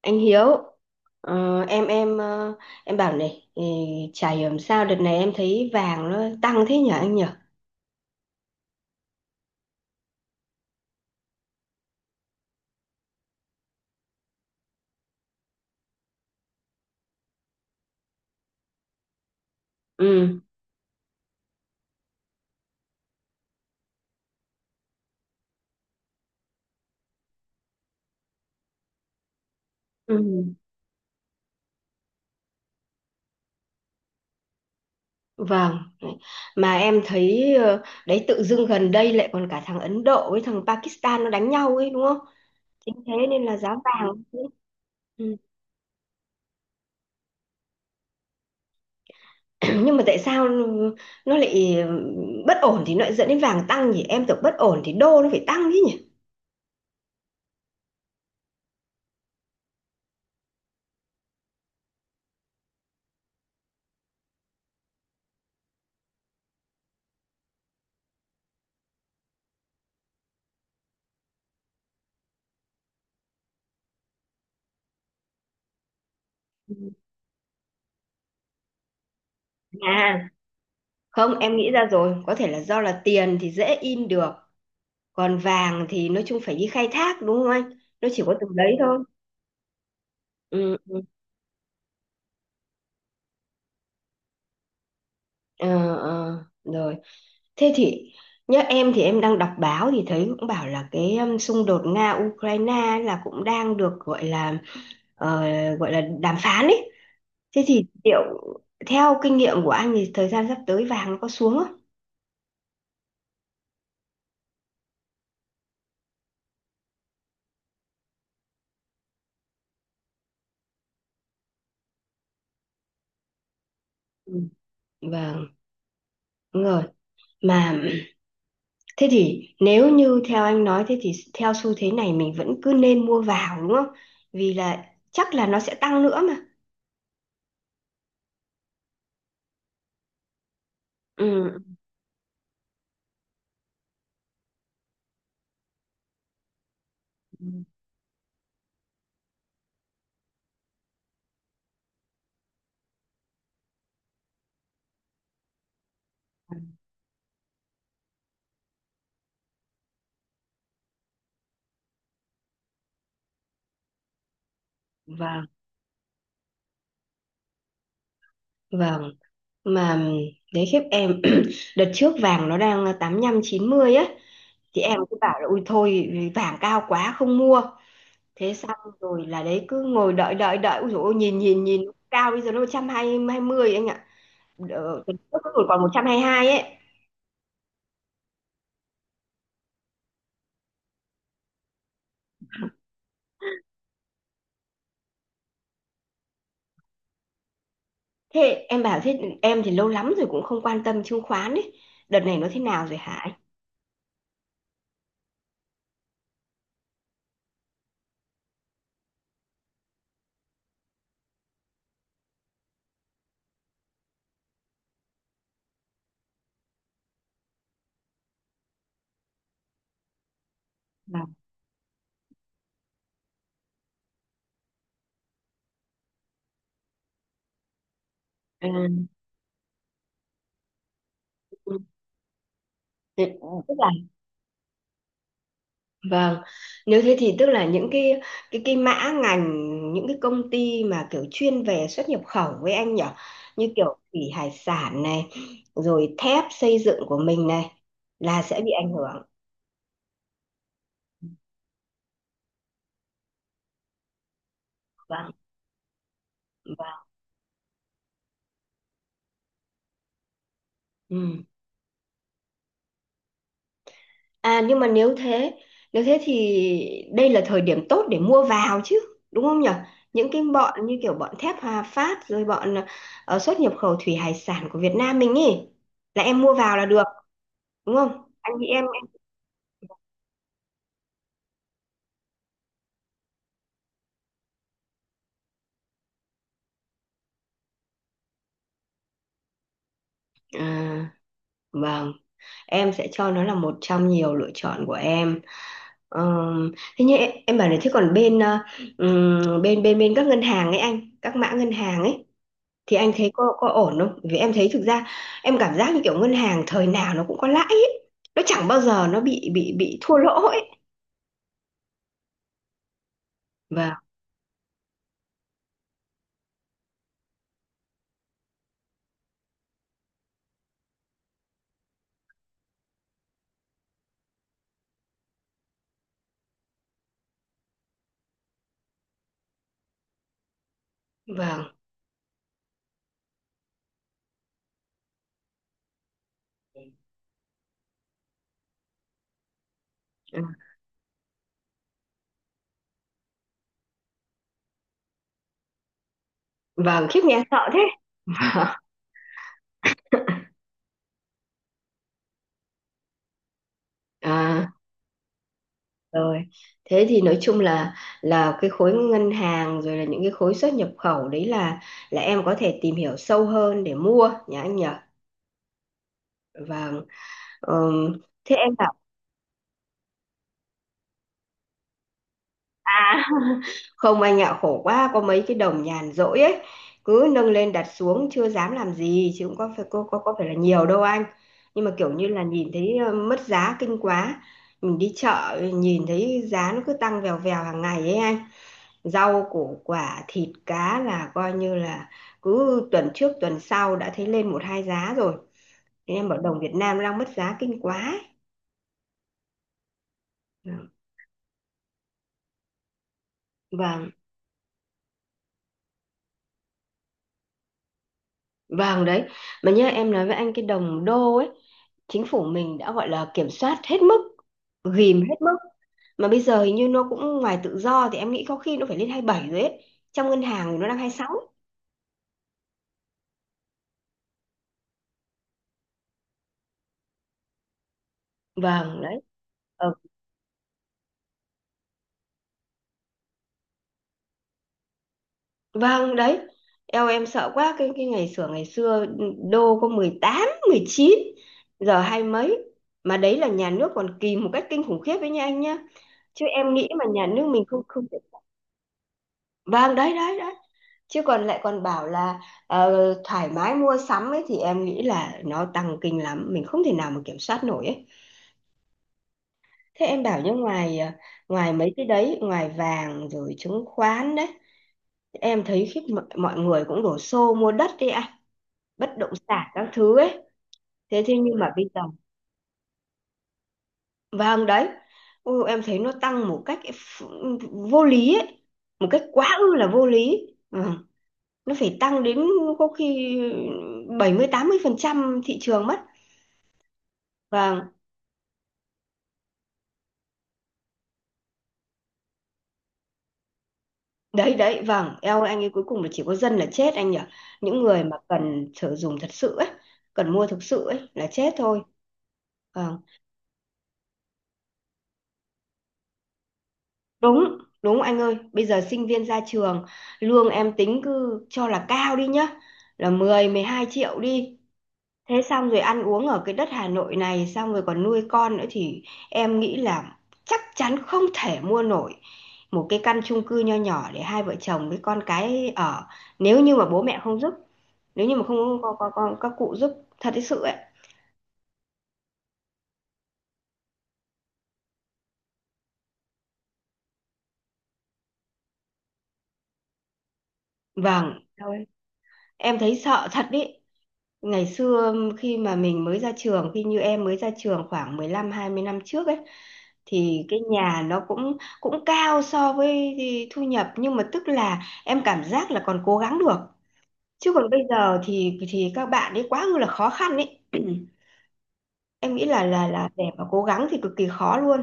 Anh Hiếu em em bảo này chả hiểu làm sao đợt này em thấy vàng nó tăng thế nhỉ anh nhỉ. Ừ. Ừ. Vâng. Mà em thấy đấy tự dưng gần đây lại còn cả thằng Ấn Độ với thằng Pakistan nó đánh nhau ấy đúng không? Chính thế nên là giá vàng. Ừ. Nhưng mà tại sao nó lại bất ổn thì nó lại dẫn đến vàng tăng nhỉ? Em tưởng bất ổn thì đô nó phải tăng chứ nhỉ. À không, em nghĩ ra rồi, có thể là do là tiền thì dễ in được. Còn vàng thì nói chung phải đi khai thác đúng không anh? Nó chỉ có từng đấy thôi. Ừ, ừ. Ờ, ờ, rồi. Thế thì nhớ em thì em đang đọc báo thì thấy cũng bảo là cái xung đột Nga Ukraine là cũng đang được gọi là ờ, gọi là đàm phán ấy. Thế thì liệu theo kinh nghiệm của anh thì thời gian sắp tới vàng nó có xuống không? Ừ, vâng, đúng rồi mà. Thế thì nếu như theo anh nói thế thì theo xu thế này mình vẫn cứ nên mua vào đúng không? Vì là chắc là nó sẽ tăng nữa mà. Ừ. Ừ. Vâng, vâng. Mà đấy khiếp em đợt trước vàng nó đang 85 90 á. Thì em cứ bảo là ui thôi vàng cao quá không mua. Thế xong rồi là đấy cứ ngồi đợi đợi đợi ui dồi ôi nhìn nhìn nhìn cao bây giờ nó 120 anh ạ. Tuần trước nó còn 122 ấy. Thế em bảo thế em thì lâu lắm rồi cũng không quan tâm chứng khoán ấy. Đợt này nó thế nào rồi hả anh? Vâng. Ừ, ừ, tức là vâng nếu thế thì tức là những cái cái mã ngành, những cái công ty mà kiểu chuyên về xuất nhập khẩu với anh nhở, như kiểu thủy hải sản này rồi thép xây dựng của mình này là sẽ bị ảnh hưởng. Vâng, vâng, ừ. À nhưng mà nếu thế thì đây là thời điểm tốt để mua vào chứ, đúng không nhở? Những cái bọn như kiểu bọn thép Hòa Phát rồi bọn xuất nhập khẩu thủy hải sản của Việt Nam mình ý là em mua vào là được, đúng không? Anh chị em à, vâng, em sẽ cho nó là một trong nhiều lựa chọn của em. Thế nhưng em bảo này, thế còn bên bên các ngân hàng ấy anh, các mã ngân hàng ấy thì anh thấy có ổn không? Vì em thấy thực ra em cảm giác như kiểu ngân hàng thời nào nó cũng có lãi ấy. Nó chẳng bao giờ nó bị bị thua lỗ ấy. Vâng, vâng. Ừ, vâng, khiếp nghe sợ thế. Vâng. À, rồi. Thế thì nói chung là cái khối ngân hàng rồi là những cái khối xuất nhập khẩu đấy, là em có thể tìm hiểu sâu hơn để mua nhá anh nhỉ? Vâng. Thế em bảo không anh ạ, khổ quá, có mấy cái đồng nhàn rỗi ấy, cứ nâng lên đặt xuống chưa dám làm gì chứ cũng có phải có phải là nhiều đâu anh. Nhưng mà kiểu như là nhìn thấy mất giá kinh quá. Mình đi chợ nhìn thấy giá nó cứ tăng vèo vèo hàng ngày ấy anh. Rau củ quả, thịt cá là coi như là cứ tuần trước tuần sau đã thấy lên một hai giá rồi. Thế em bảo đồng Việt Nam đang mất giá kinh quá ấy. Vâng, vâng đấy. Mà nhớ em nói với anh cái đồng đô ấy, chính phủ mình đã gọi là kiểm soát hết mức, ghìm hết mức mà bây giờ hình như nó cũng ngoài tự do thì em nghĩ có khi nó phải lên 27 rồi ấy, trong ngân hàng thì nó đang 26. Vâng đấy. ờ, vâng đấy. Eo em sợ quá cái ngày xưa đô có 18, 19, giờ hai mấy, mà đấy là nhà nước còn kìm một cách kinh khủng khiếp đấy nha anh nhá. Chứ em nghĩ mà nhà nước mình không không, Vâng đấy đấy đấy. Chứ còn lại còn bảo là ờ, thoải mái mua sắm ấy thì em nghĩ là nó tăng kinh lắm, mình không thể nào mà kiểm soát nổi ấy. Thế em bảo như ngoài ngoài mấy cái đấy, ngoài vàng rồi chứng khoán đấy, em thấy khiếp mọi người cũng đổ xô mua đất đi ạ, bất động sản các thứ ấy. Thế thế nhưng mà bây giờ vâng đấy. Ôi, em thấy nó tăng một cách vô lý ấy, một cách quá ư là vô lý. Vâng, nó phải tăng đến có khi 70 80% thị trường mất. Vâng, đấy đấy, vâng, eo ơi, anh ấy cuối cùng là chỉ có dân là chết anh nhỉ. Những người mà cần sử dụng thật sự ấy, cần mua thực sự ấy là chết thôi. Vâng, đúng, đúng anh ơi, bây giờ sinh viên ra trường, lương em tính cứ cho là cao đi nhá, là 10 12 triệu đi. Thế xong rồi ăn uống ở cái đất Hà Nội này, xong rồi còn nuôi con nữa thì em nghĩ là chắc chắn không thể mua nổi một cái căn chung cư nho nhỏ để hai vợ chồng với con cái ở nếu như mà bố mẹ không giúp. Nếu như mà không có các cụ giúp, thật đấy sự ấy. Vâng. Thôi, em thấy sợ thật đấy. Ngày xưa khi mà mình mới ra trường, khi như em mới ra trường khoảng 15 20 năm trước ấy, thì cái nhà nó cũng cũng cao so với thu nhập nhưng mà tức là em cảm giác là còn cố gắng được. Chứ còn bây giờ thì các bạn ấy quá là khó khăn ấy. Em nghĩ là để mà cố gắng thì cực kỳ khó luôn.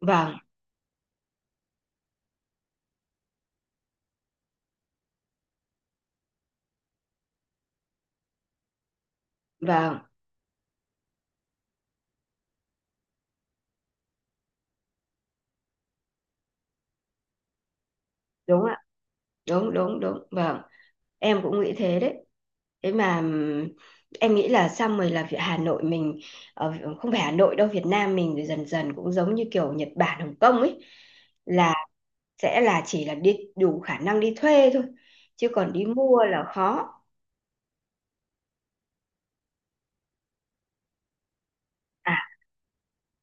Vâng, vâng, đúng ạ, đúng đúng đúng, vâng, em cũng nghĩ thế đấy. Thế mà em nghĩ là xong rồi là Hà Nội mình ờ, không phải Hà Nội đâu, Việt Nam mình rồi dần dần cũng giống như kiểu Nhật Bản Hồng Kông ấy, là sẽ là chỉ là đi đủ khả năng đi thuê thôi chứ còn đi mua là khó. À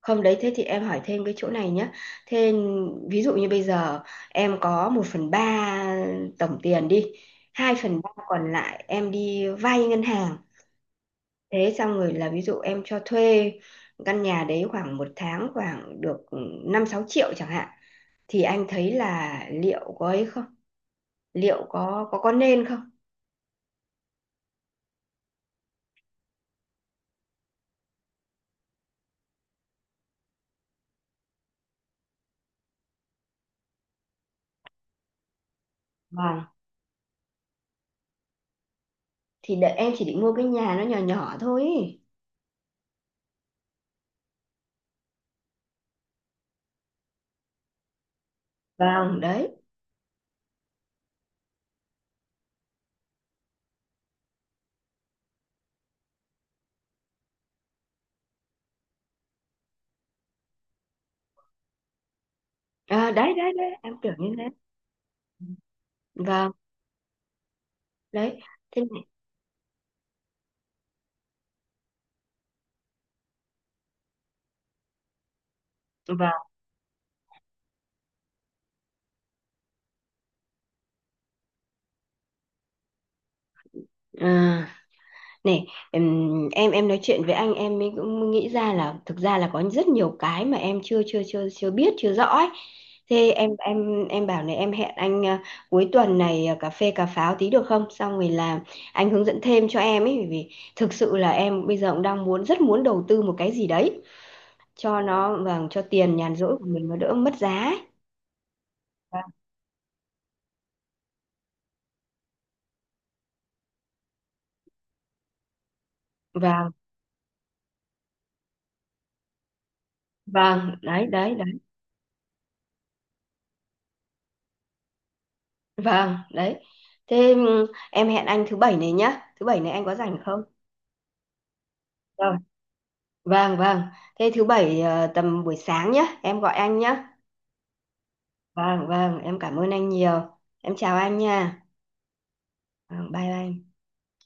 không, đấy thế thì em hỏi thêm cái chỗ này nhé. Thế ví dụ như bây giờ em có 1/3 tổng tiền đi, 2/3 còn lại em đi vay ngân hàng. Thế xong rồi là ví dụ em cho thuê căn nhà đấy khoảng một tháng khoảng được 5 6 triệu chẳng hạn, thì anh thấy là liệu có ấy không? Liệu có nên không? Vâng, thì đợi em chỉ định mua cái nhà nó nhỏ nhỏ thôi. Ý. Vâng, đấy. À, đấy đấy đấy, em tưởng như thế. Vâng, đấy. Thế này. Vâng. Ờ, này, em nói chuyện với anh em mới cũng nghĩ ra là thực ra là có rất nhiều cái mà em chưa chưa chưa chưa biết chưa rõ ấy. Thế em bảo này em hẹn anh à, cuối tuần này à, cà phê cà pháo tí được không? Xong rồi là anh hướng dẫn thêm cho em ấy, bởi vì thực sự là em bây giờ cũng đang muốn rất muốn đầu tư một cái gì đấy cho nó, vâng, cho tiền nhàn rỗi của mình nó đỡ mất giá ấy. Vâng, vâng, vâng, đấy đấy đấy. Vâng, đấy. Thế em hẹn anh thứ bảy này nhá. Thứ bảy này anh có rảnh không? Vâng, vâng. Thế thứ bảy tầm buổi sáng nhé, em gọi anh nhé. Vâng, vâng, em cảm ơn anh nhiều. Em chào anh nha. Vâng, bye bye.